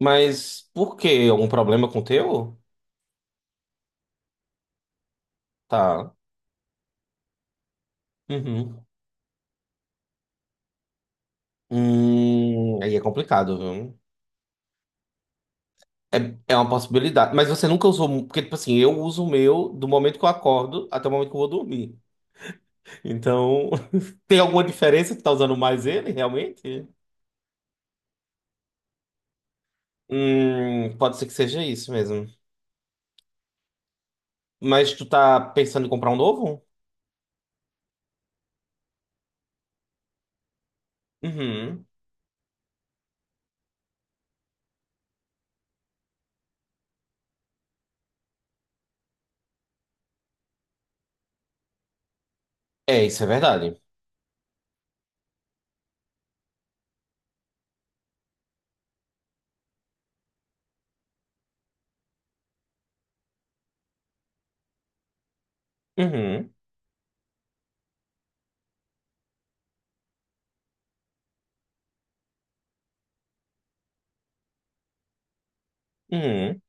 Mas por quê? Algum problema com o teu? Tá. Uhum. Aí é complicado, viu? É, é uma possibilidade. Mas você nunca usou. Porque, tipo assim, eu uso o meu do momento que eu acordo até o momento que eu vou dormir. Então, tem alguma diferença? Que tá usando mais ele, realmente? Pode ser que seja isso mesmo. Mas tu tá pensando em comprar um novo? Uhum. É, isso é verdade. Uhum. Uhum.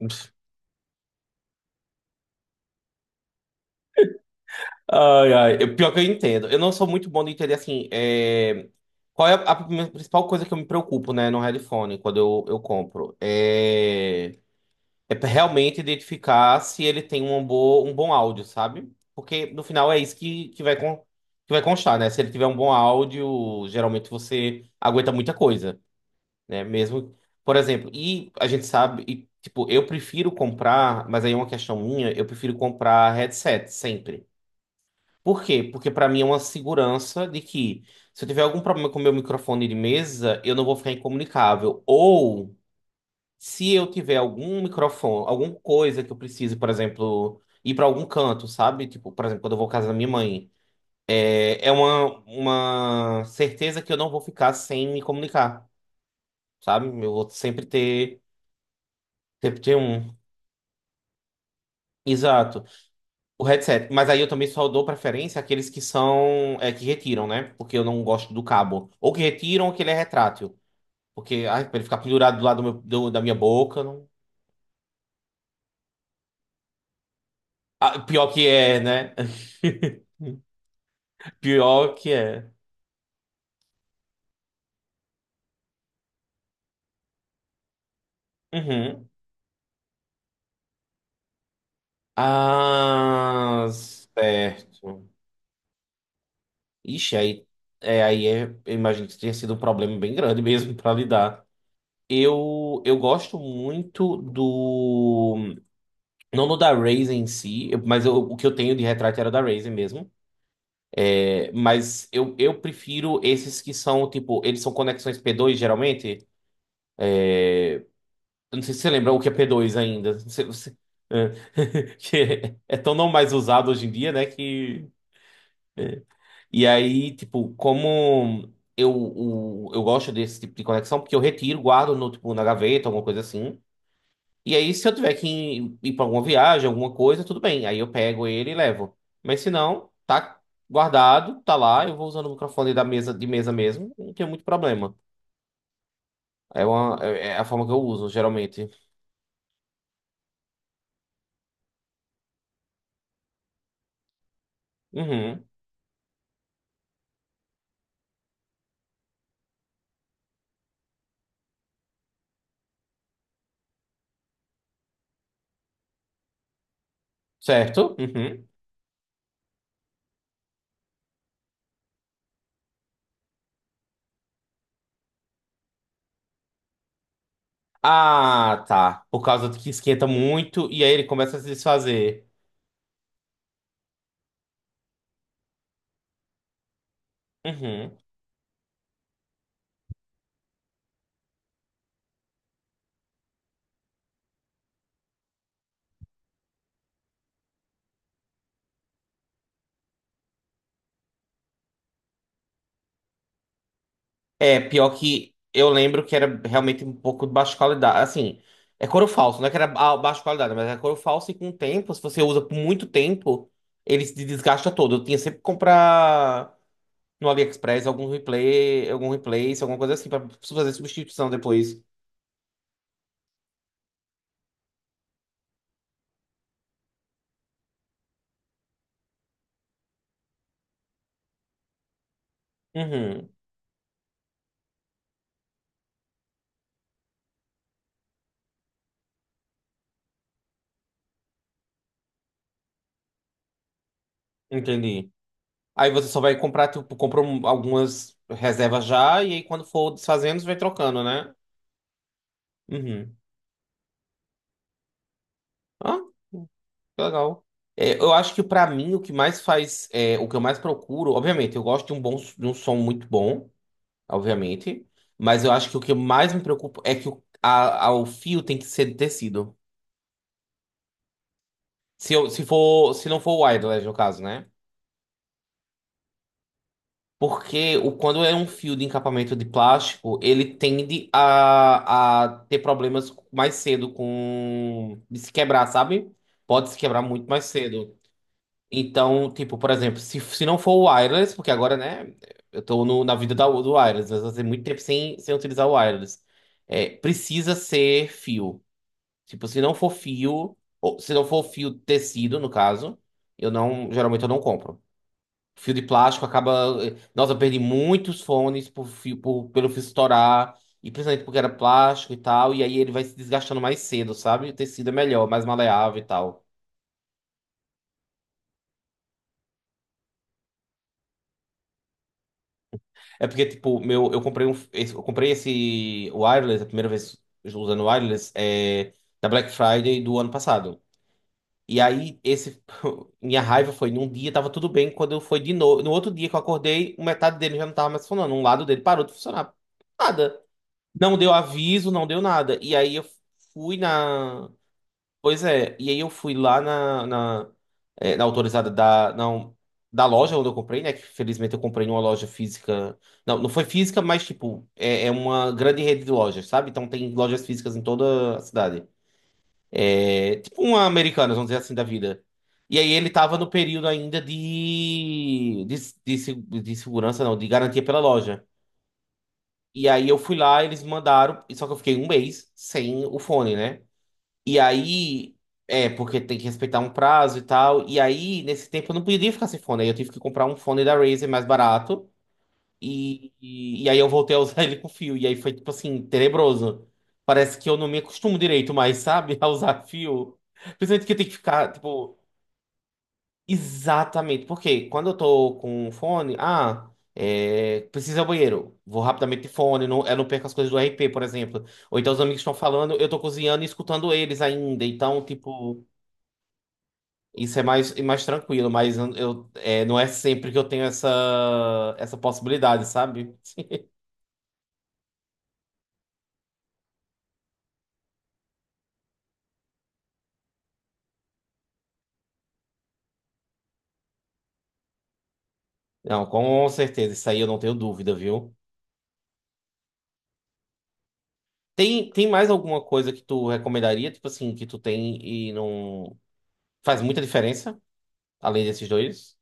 Ai, ai. Pior que eu entendo. Eu não sou muito bom de entender, assim, é, qual é a minha principal coisa que eu me preocupo, né, no headphone, quando eu compro. É... é pra realmente identificar se ele tem um bom áudio, sabe? Porque, no final, é isso que vai, con... que vai constar, né? Se ele tiver um bom áudio, geralmente você aguenta muita coisa, né? Mesmo, por exemplo, e a gente sabe... E, tipo, eu prefiro comprar, mas aí é uma questão minha, eu prefiro comprar headset sempre. Por quê? Porque pra mim é uma segurança de que se eu tiver algum problema com o meu microfone de mesa, eu não vou ficar incomunicável. Ou se eu tiver algum microfone, alguma coisa que eu precise, por exemplo, ir pra algum canto, sabe? Tipo, por exemplo, quando eu vou à casa da minha mãe, é, é uma certeza que eu não vou ficar sem me comunicar, sabe? Eu vou sempre ter um. Exato. O headset, mas aí eu também só dou preferência àqueles que são, é, que retiram, né? Porque eu não gosto do cabo. Ou que retiram ou que ele é retrátil. Porque, ai, pra ele ficar pendurado do lado do da minha boca, não... Ah, pior que é, né? Pior que é. Uhum. Ah, certo. Ixi, aí é, eu imagino que tenha sido um problema bem grande mesmo pra lidar. Eu gosto muito do. Não no da Razer em si, o que eu tenho de retrato era da Razer mesmo. É, mas eu prefiro esses que são, tipo, eles são conexões P2 geralmente. Eu não sei se você lembra o que é P2 ainda. É, que é tão não mais usado hoje em dia, né? Que... E aí, tipo, como eu, eu gosto desse tipo de conexão, porque eu retiro, guardo no, tipo, na gaveta, alguma coisa assim. E aí, se eu tiver que ir para alguma viagem, alguma coisa, tudo bem. Aí eu pego ele e levo. Mas se não, tá guardado, tá lá. Eu vou usando o microfone da mesa, de mesa mesmo. Não tem muito problema. É, uma, é a forma que eu uso, geralmente. Uhum. Certo? Uhum. Ah, tá. Por causa de que esquenta muito e aí ele começa a se desfazer. Uhum. É, pior que eu lembro que era realmente um pouco de baixa qualidade. Assim, é couro falso, não é que era baixa qualidade, mas é couro falso e com o tempo, se você usa por muito tempo, ele se desgasta todo. Eu tinha sempre que comprar no AliExpress algum replay, algum replace, alguma coisa assim, pra fazer substituição depois. Uhum, entendi. Aí você só vai comprar, tipo, comprou algumas reservas já, e aí quando for desfazendo, você vai trocando, né? Uhum. Ah? Que legal. É, eu acho que pra mim o que mais faz, é, o que eu mais procuro, obviamente, eu gosto de um bom, de um som muito bom, obviamente, mas eu acho que o que mais me preocupa é que o fio tem que ser de tecido. Se eu, se for, se não for wireless no caso, né? Porque o, quando é um fio de encapamento de plástico, ele tende a ter problemas mais cedo com de se quebrar, sabe? Pode se quebrar muito mais cedo. Então, tipo, por exemplo, se não for o wireless, porque agora, né, eu tô no, na vida da, do wireless, eu fazia muito tempo sem, sem utilizar o wireless. É, precisa ser fio. Tipo, se não for fio, ou se não for fio tecido, no caso, eu não, geralmente eu não compro. Fio de plástico acaba. Nossa, eu perdi muitos fones por fio, pelo fio estourar, e principalmente porque era plástico e tal, e aí ele vai se desgastando mais cedo, sabe? O tecido é melhor, mais maleável e tal. É porque, tipo, meu, eu comprei um, eu comprei esse wireless, a primeira vez usando wireless, é, na Black Friday do ano passado. E aí, esse, minha raiva foi, num dia tava tudo bem, quando eu fui de novo, no outro dia que eu acordei, um metade dele já não tava mais funcionando, um lado dele parou de funcionar. Nada. Não deu aviso, não deu nada. E aí eu fui na. Pois é, e aí eu fui lá na autorizada da, não, da loja onde eu comprei, né? Que felizmente eu comprei numa loja física. Não, não foi física, mas tipo, é, é uma grande rede de lojas, sabe? Então tem lojas físicas em toda a cidade. É, tipo uma Americanas, vamos dizer assim, da vida. E aí ele tava no período ainda de segurança, não, de garantia pela loja. E aí eu fui lá, eles mandaram, e só que eu fiquei um mês sem o fone, né? E aí, é, porque tem que respeitar um prazo e tal. E aí, nesse tempo, eu não podia ficar sem fone. Aí eu tive que comprar um fone da Razer mais barato. E aí eu voltei a usar ele com fio. E aí foi, tipo assim, tenebroso. Parece que eu não me acostumo direito mais, sabe? A usar fio. Principalmente que eu tenho que ficar, tipo, exatamente. Porque quando eu tô com um fone, ah, é, preciso ir ao banheiro. Vou rapidamente de fone, não, eu não perco as coisas do RP, por exemplo. Ou então os amigos estão falando, eu tô cozinhando e escutando eles ainda. Então, tipo. Isso é mais tranquilo, mas é, não é sempre que eu tenho essa, essa possibilidade, sabe? Não, com certeza, isso aí eu não tenho dúvida, viu? Tem, tem mais alguma coisa que tu recomendaria, tipo assim, que tu tem e não faz muita diferença, além desses dois?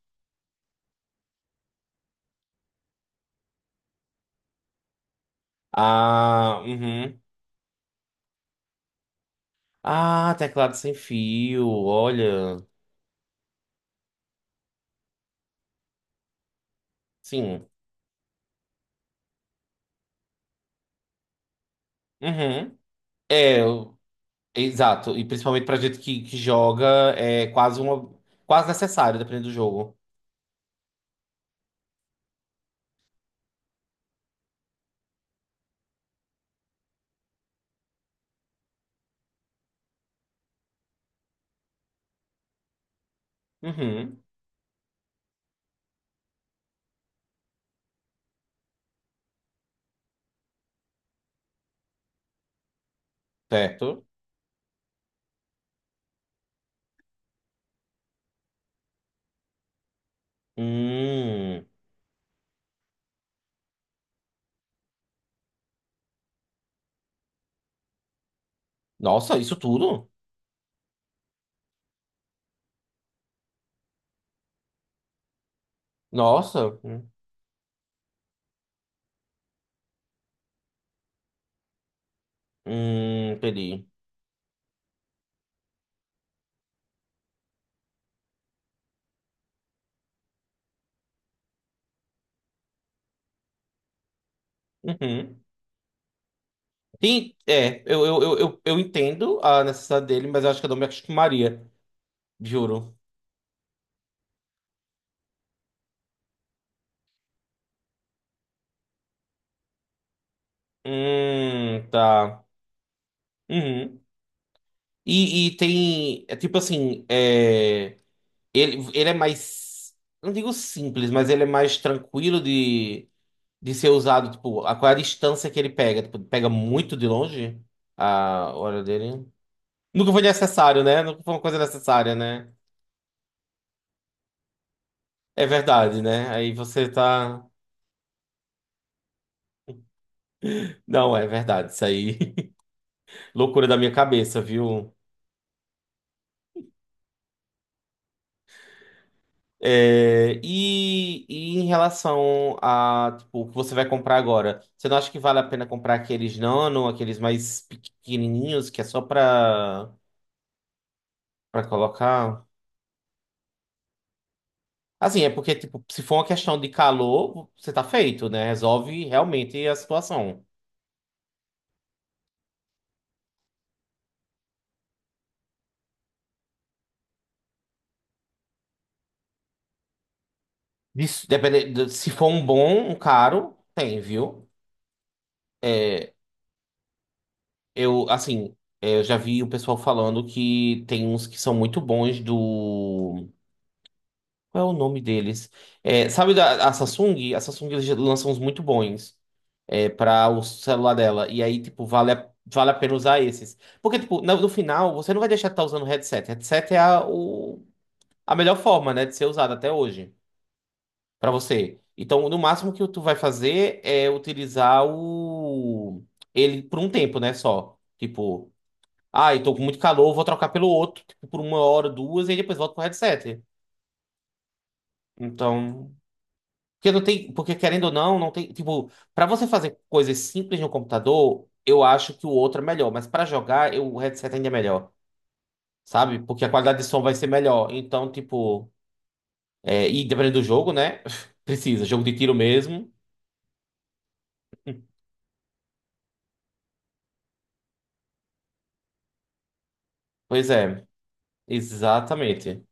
Ah, uhum. Ah, teclado sem fio, olha. Sim. Uhum. É, eu- exato. E principalmente pra gente que joga, é quase uma, quase necessário, dependendo do jogo. Uhum. Certo. Hum. Nossa, isso tudo? Nossa. Entendi. Uhum. Sim, é, eu entendo a necessidade dele, mas eu acho que eu não me acostumaria, juro. Tá. Uhum. E tem, é tipo assim, é, ele é mais, não digo simples, mas ele é mais tranquilo de ser usado, tipo, a qual é a distância que ele pega? Tipo, pega muito de longe a hora dele? Nunca foi necessário, né? Nunca foi uma coisa necessária, né? É verdade, né? Aí você tá. Não, é verdade, isso aí. Loucura da minha cabeça, viu? É, e em relação a, tipo, o que você vai comprar agora, você não acha que vale a pena comprar aqueles nano, aqueles mais pequenininhos, que é só pra, pra colocar? Assim, é porque, tipo, se for uma questão de calor, você tá feito, né? Resolve realmente a situação. Isso, depende, se for um bom, um caro, tem, viu? É, eu, assim, é, eu já vi o pessoal falando que tem uns que são muito bons do. Qual é o nome deles? É, sabe da a Samsung? A Samsung eles lançam uns muito bons é, para o celular dela. E aí, tipo, vale vale a pena usar esses. Porque, tipo, no, no final, você não vai deixar de estar usando headset. Headset é a melhor forma, né, de ser usado até hoje pra você. Então, no máximo que tu vai fazer é utilizar o ele por um tempo, né, só. Tipo. Ah, eu tô com muito calor, vou trocar pelo outro, tipo, por uma hora, duas, e aí depois volto pro headset. Então, porque não tem, porque querendo ou não, não tem, tipo, pra você fazer coisas simples no computador, eu acho que o outro é melhor, mas pra jogar, o headset ainda é melhor, sabe? Porque a qualidade de som vai ser melhor. Então, tipo, é, e dependendo do jogo, né? Precisa, jogo de tiro mesmo. Pois é, exatamente.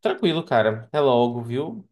Tranquilo, cara. Até logo, viu?